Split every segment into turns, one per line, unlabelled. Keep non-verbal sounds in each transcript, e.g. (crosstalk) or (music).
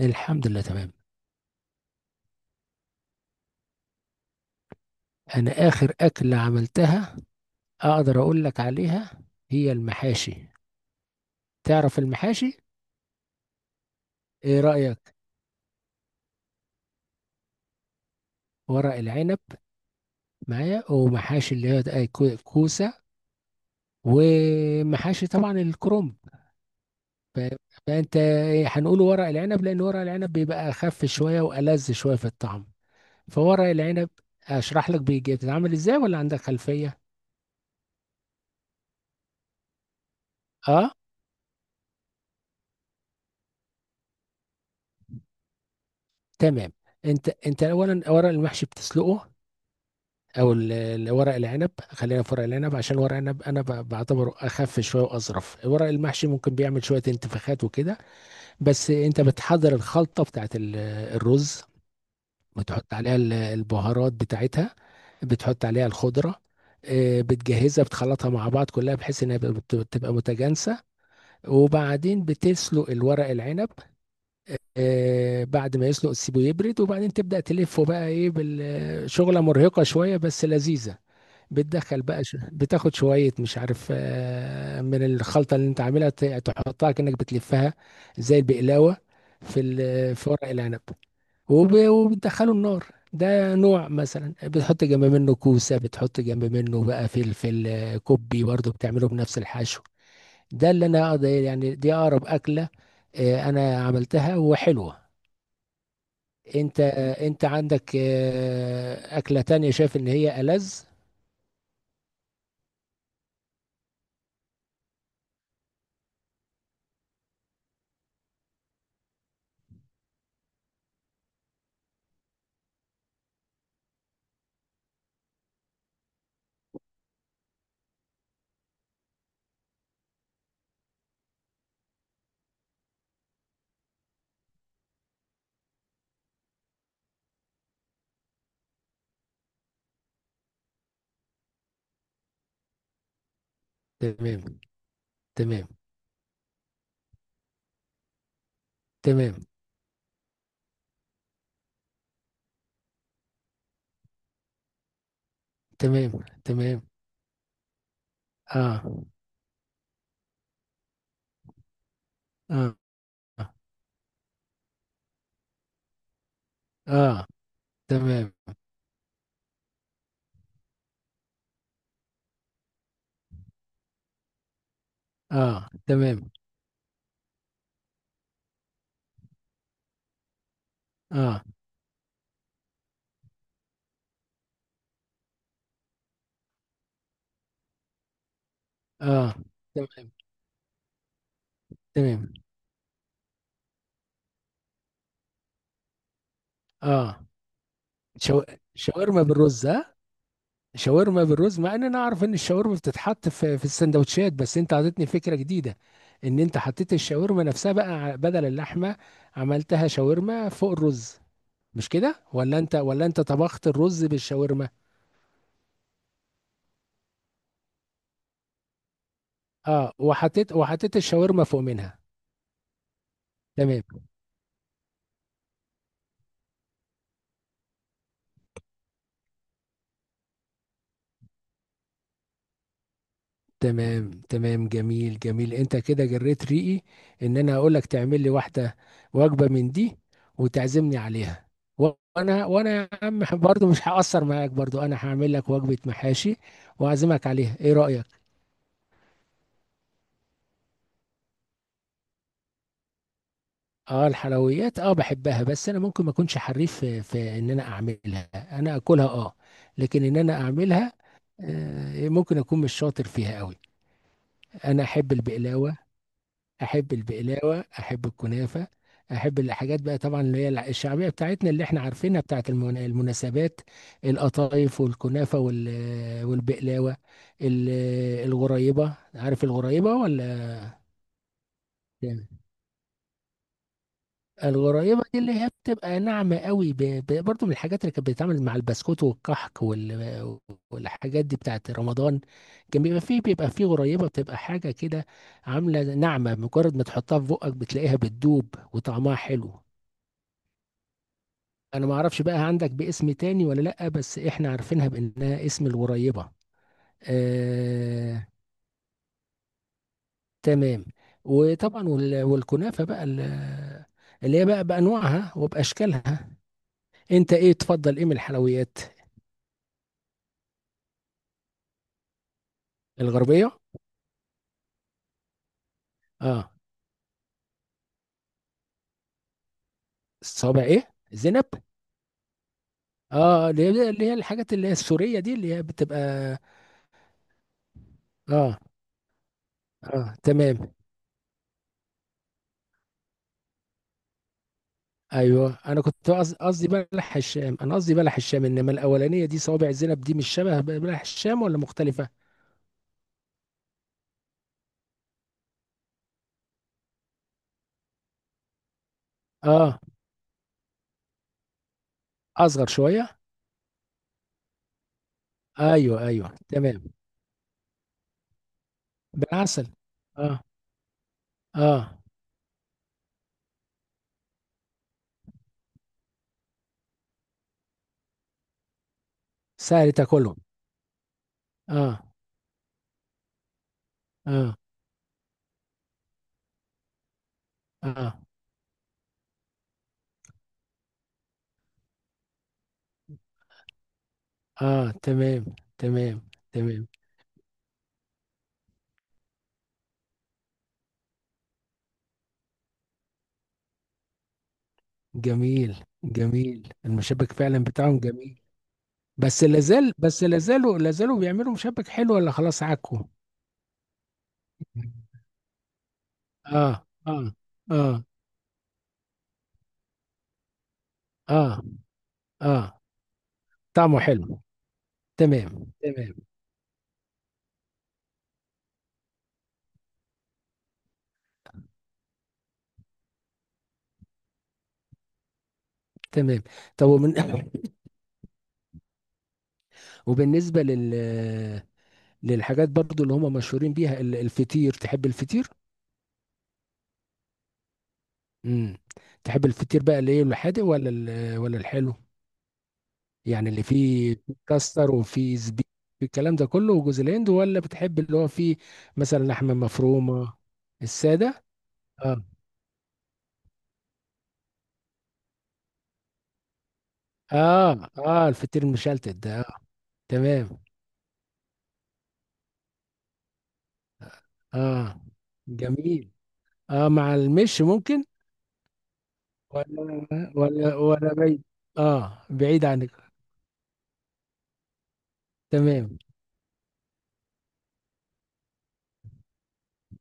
الحمد لله، تمام. انا اخر اكلة عملتها، اقدر اقول لك عليها، هي المحاشي. تعرف المحاشي؟ ايه رأيك؟ ورق العنب معايا، ومحاشي اللي هي كوسة، ومحاشي طبعا الكرنب. ف- فانت، هنقول ورق العنب لان ورق العنب بيبقى اخف شوية والذ شوية في الطعم. فورق العنب، اشرح لك بيجي بتتعمل ازاي، ولا عندك خلفية؟ اه، تمام. انت اولا ورق المحشي بتسلقه، او ورق العنب، خلينا في ورق العنب عشان ورق العنب انا بعتبره اخف شويه واظرف. ورق المحشي ممكن بيعمل شويه انتفاخات وكده. بس انت بتحضر الخلطه بتاعت الرز، بتحط عليها البهارات بتاعتها، بتحط عليها الخضره. بتجهزها، بتخلطها مع بعض كلها بحيث انها بتبقى متجانسه. وبعدين بتسلق الورق العنب. بعد ما يسلق تسيبه يبرد، وبعدين تبدأ تلفه بقى، ايه، بالشغلة مرهقة شوية بس لذيذة. بتدخل بقى، بتاخد شوية مش عارف، من الخلطة اللي انت عاملها تحطها كأنك بتلفها زي البقلاوة في ورق العنب. وبتدخله النار. ده نوع مثلا، بتحط جنب منه كوسة، بتحط جنب منه بقى فلفل، كوبي برضه بتعمله بنفس الحشو. ده اللي انا يعني، دي اقرب اكلة. انا عملتها وحلوة. انت عندك اكله تانية شايف ان هي ألذ؟ تمام، تمام، تمام، تمام، تمام. اه، اه، اه، تمام، اه، تمام، اه، اه، تمام، تمام، اه. شو... شاورما بالرز، ها؟ شاورما بالرز، مع ان انا اعرف ان الشاورما بتتحط في السندوتشات، بس انت عطيتني فكره جديده. ان انت حطيت الشاورما نفسها بقى بدل اللحمه. عملتها شاورما فوق الرز، مش كده؟ ولا انت طبخت الرز بالشاورما؟ اه، وحطيت الشاورما فوق منها. تمام، تمام، تمام، جميل، جميل، انت كده جريت ريقي. ان انا اقول لك تعمل لي واحده، وجبه من دي، وتعزمني عليها. و- وانا يا عم برضو مش هقصر معاك، برضو انا هعمل لك وجبه محاشي، واعزمك عليها، ايه رايك؟ اه، الحلويات، اه بحبها، بس انا ممكن ما اكونش حريف في ان انا اعملها، انا اكلها اه. لكن ان انا اعملها، ممكن اكون مش شاطر فيها قوي. انا احب البقلاوه، احب البقلاوه، احب الكنافه. احب الحاجات بقى طبعا اللي هي الشعبيه بتاعتنا، اللي احنا عارفينها بتاعت المناسبات. القطايف والكنافه والبقلاوه. ال- الغريبه، عارف الغريبه ولا؟ الغريبة دي اللي هي بتبقى ناعمة قوي، برضو من الحاجات اللي كانت بتتعمل مع البسكوت والكحك والحاجات دي بتاعت رمضان. كان بيبقى فيه غريبة بتبقى حاجة كده، عاملة ناعمة، مجرد ما تحطها في بقك بتلاقيها بتدوب وطعمها حلو. انا ما اعرفش بقى، عندك باسم تاني ولا لأ، بس احنا عارفينها بانها اسم الغريبة. آه... تمام. وطبعا والكنافة بقى اللي هي بقى بأنواعها وبأشكالها. انت ايه تفضل ايه من الحلويات؟ الغربيه؟ اه. الصوابع ايه زينب؟ اه، اللي هي الحاجات اللي هي السوريه دي اللي هي بتبقى. اه، اه، تمام. ايوه، انا كنت قصدي بلح الشام، انا قصدي بلح الشام، انما الاولانيه دي، صوابع زينب دي مش شبه بلح الشام ولا مختلفه؟ اه، اصغر شويه. ايوه، ايوه، تمام. بالعسل. اه، اه، سهل تاكلهم. اه، اه، اه، اه، تمام، تمام. تمام، جميل، جميل، المشبك فعلا بتاعهم جميل. بس لازالوا بيعملوا مشبك حلو ولا خلاص عكوا؟ اه، اه، اه، اه، اه، طعمه حلو. تمام، تمام، تمام، طب ومن (laughs) (coughs) وبالنسبة للحاجات برضو اللي هم مشهورين بيها، الفطير، تحب الفطير؟ امم تحب الفطير بقى اللي ايه، الحادق ولا ولا الحلو؟ يعني اللي فيه كاستر وفيه زبيب، الكلام ده كله وجوز الهند، ولا بتحب اللي هو فيه مثلا لحمة مفرومة؟ السادة؟ آه. اه، اه، الفطير المشلتت ده تمام. اه، جميل. اه، مع المش ممكن. ولا، ولا، ولا بعيد. اه، بعيد عنك. تمام،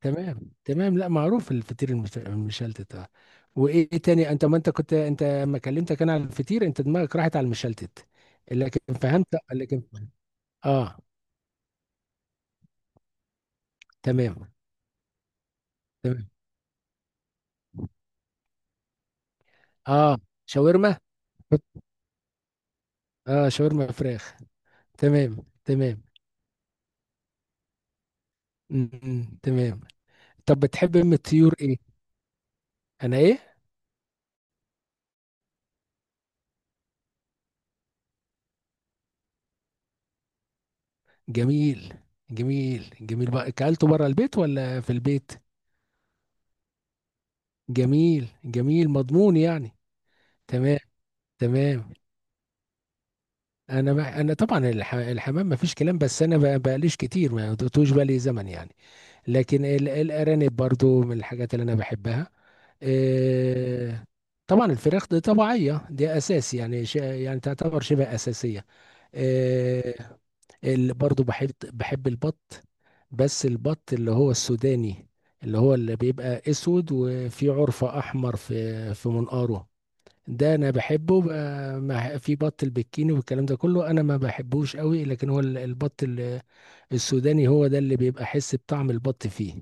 تمام، تمام، لا معروف الفطير المشلتت، اه. وايه تاني، انت ما انت كنت انت لما كلمتك انا على الفطير، انت دماغك راحت على المشلتت. لكن فهمت. لكن اه. تمام، تمام، اه، شاورما، اه، شاورما فراخ، تمام، تمام. تمام. طب بتحب ام الطيور ايه؟ انا ايه؟ جميل، جميل، جميل بقى، اكلته بره البيت ولا في البيت؟ جميل، جميل، مضمون يعني. تمام، تمام. انا بقى، انا طبعا الحمام ما فيش كلام، بس انا بقى بقليش كتير، ما دوتوش بالي زمن يعني. لكن الارانب برضو من الحاجات اللي انا بحبها. إيه. طبعا الفراخ دي طبيعيه، دي اساس يعني، يعني تعتبر شبه اساسيه. اللي برضو بحب البط. بس البط اللي هو السوداني، اللي هو اللي بيبقى اسود، وفي عرفة احمر في منقاره. ده انا بحبه بقى، في بط البكيني والكلام ده كله انا ما بحبوش قوي، لكن هو البط السوداني هو ده اللي بيبقى حس بطعم البط فيه.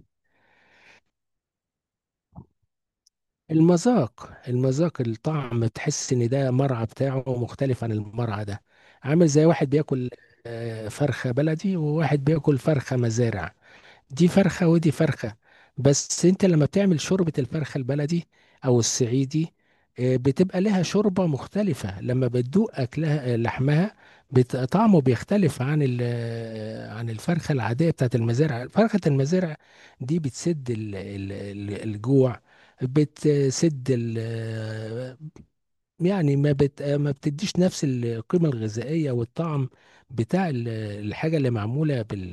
المذاق، المذاق، الطعم تحس ان ده مرعى بتاعه مختلف عن المرعى ده. عامل زي واحد بياكل فرخة بلدي، وواحد بياكل فرخة مزارع، دي فرخة ودي فرخة. بس انت لما بتعمل شوربة الفرخة البلدي او الصعيدي، بتبقى لها شوربة مختلفة، لما بتدوق اكلها، لحمها طعمه بيختلف عن عن الفرخة العادية بتاعت المزارع. فرخة المزارع دي بتسد الجوع، بتسد يعني ما بت آه، ما بتديش نفس القيمة الغذائية والطعم بتاع الحاجة اللي معمولة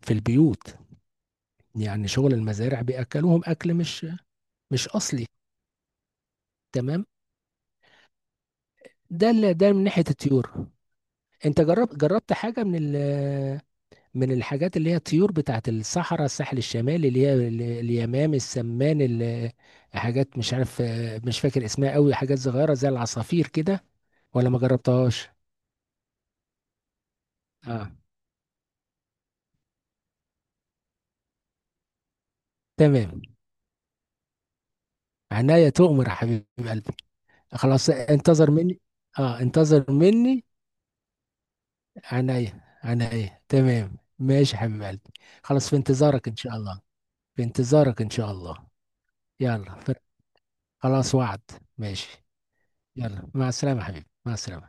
في البيوت. يعني شغل المزارع بياكلوهم اكل مش اصلي. تمام. ده اللي ده من ناحيه الطيور. انت جربت حاجه من الحاجات اللي هي الطيور بتاعت الصحراء، الساحل الشمالي، اللي هي اليمام، السمان، حاجات مش عارف، مش فاكر اسمها قوي، حاجات صغيره زي العصافير كده، ولا ما جربتهاش؟ اه، تمام. عناية تؤمر يا حبيب قلبي. خلاص، انتظر مني. اه، انتظر مني. عينيا، عينيا، تمام، ماشي يا حبيب قلبي. خلاص، في انتظارك ان شاء الله. في انتظارك ان شاء الله. يلا خلاص، وعد، ماشي. يلا، مع السلامة يا حبيبي، مع السلامة.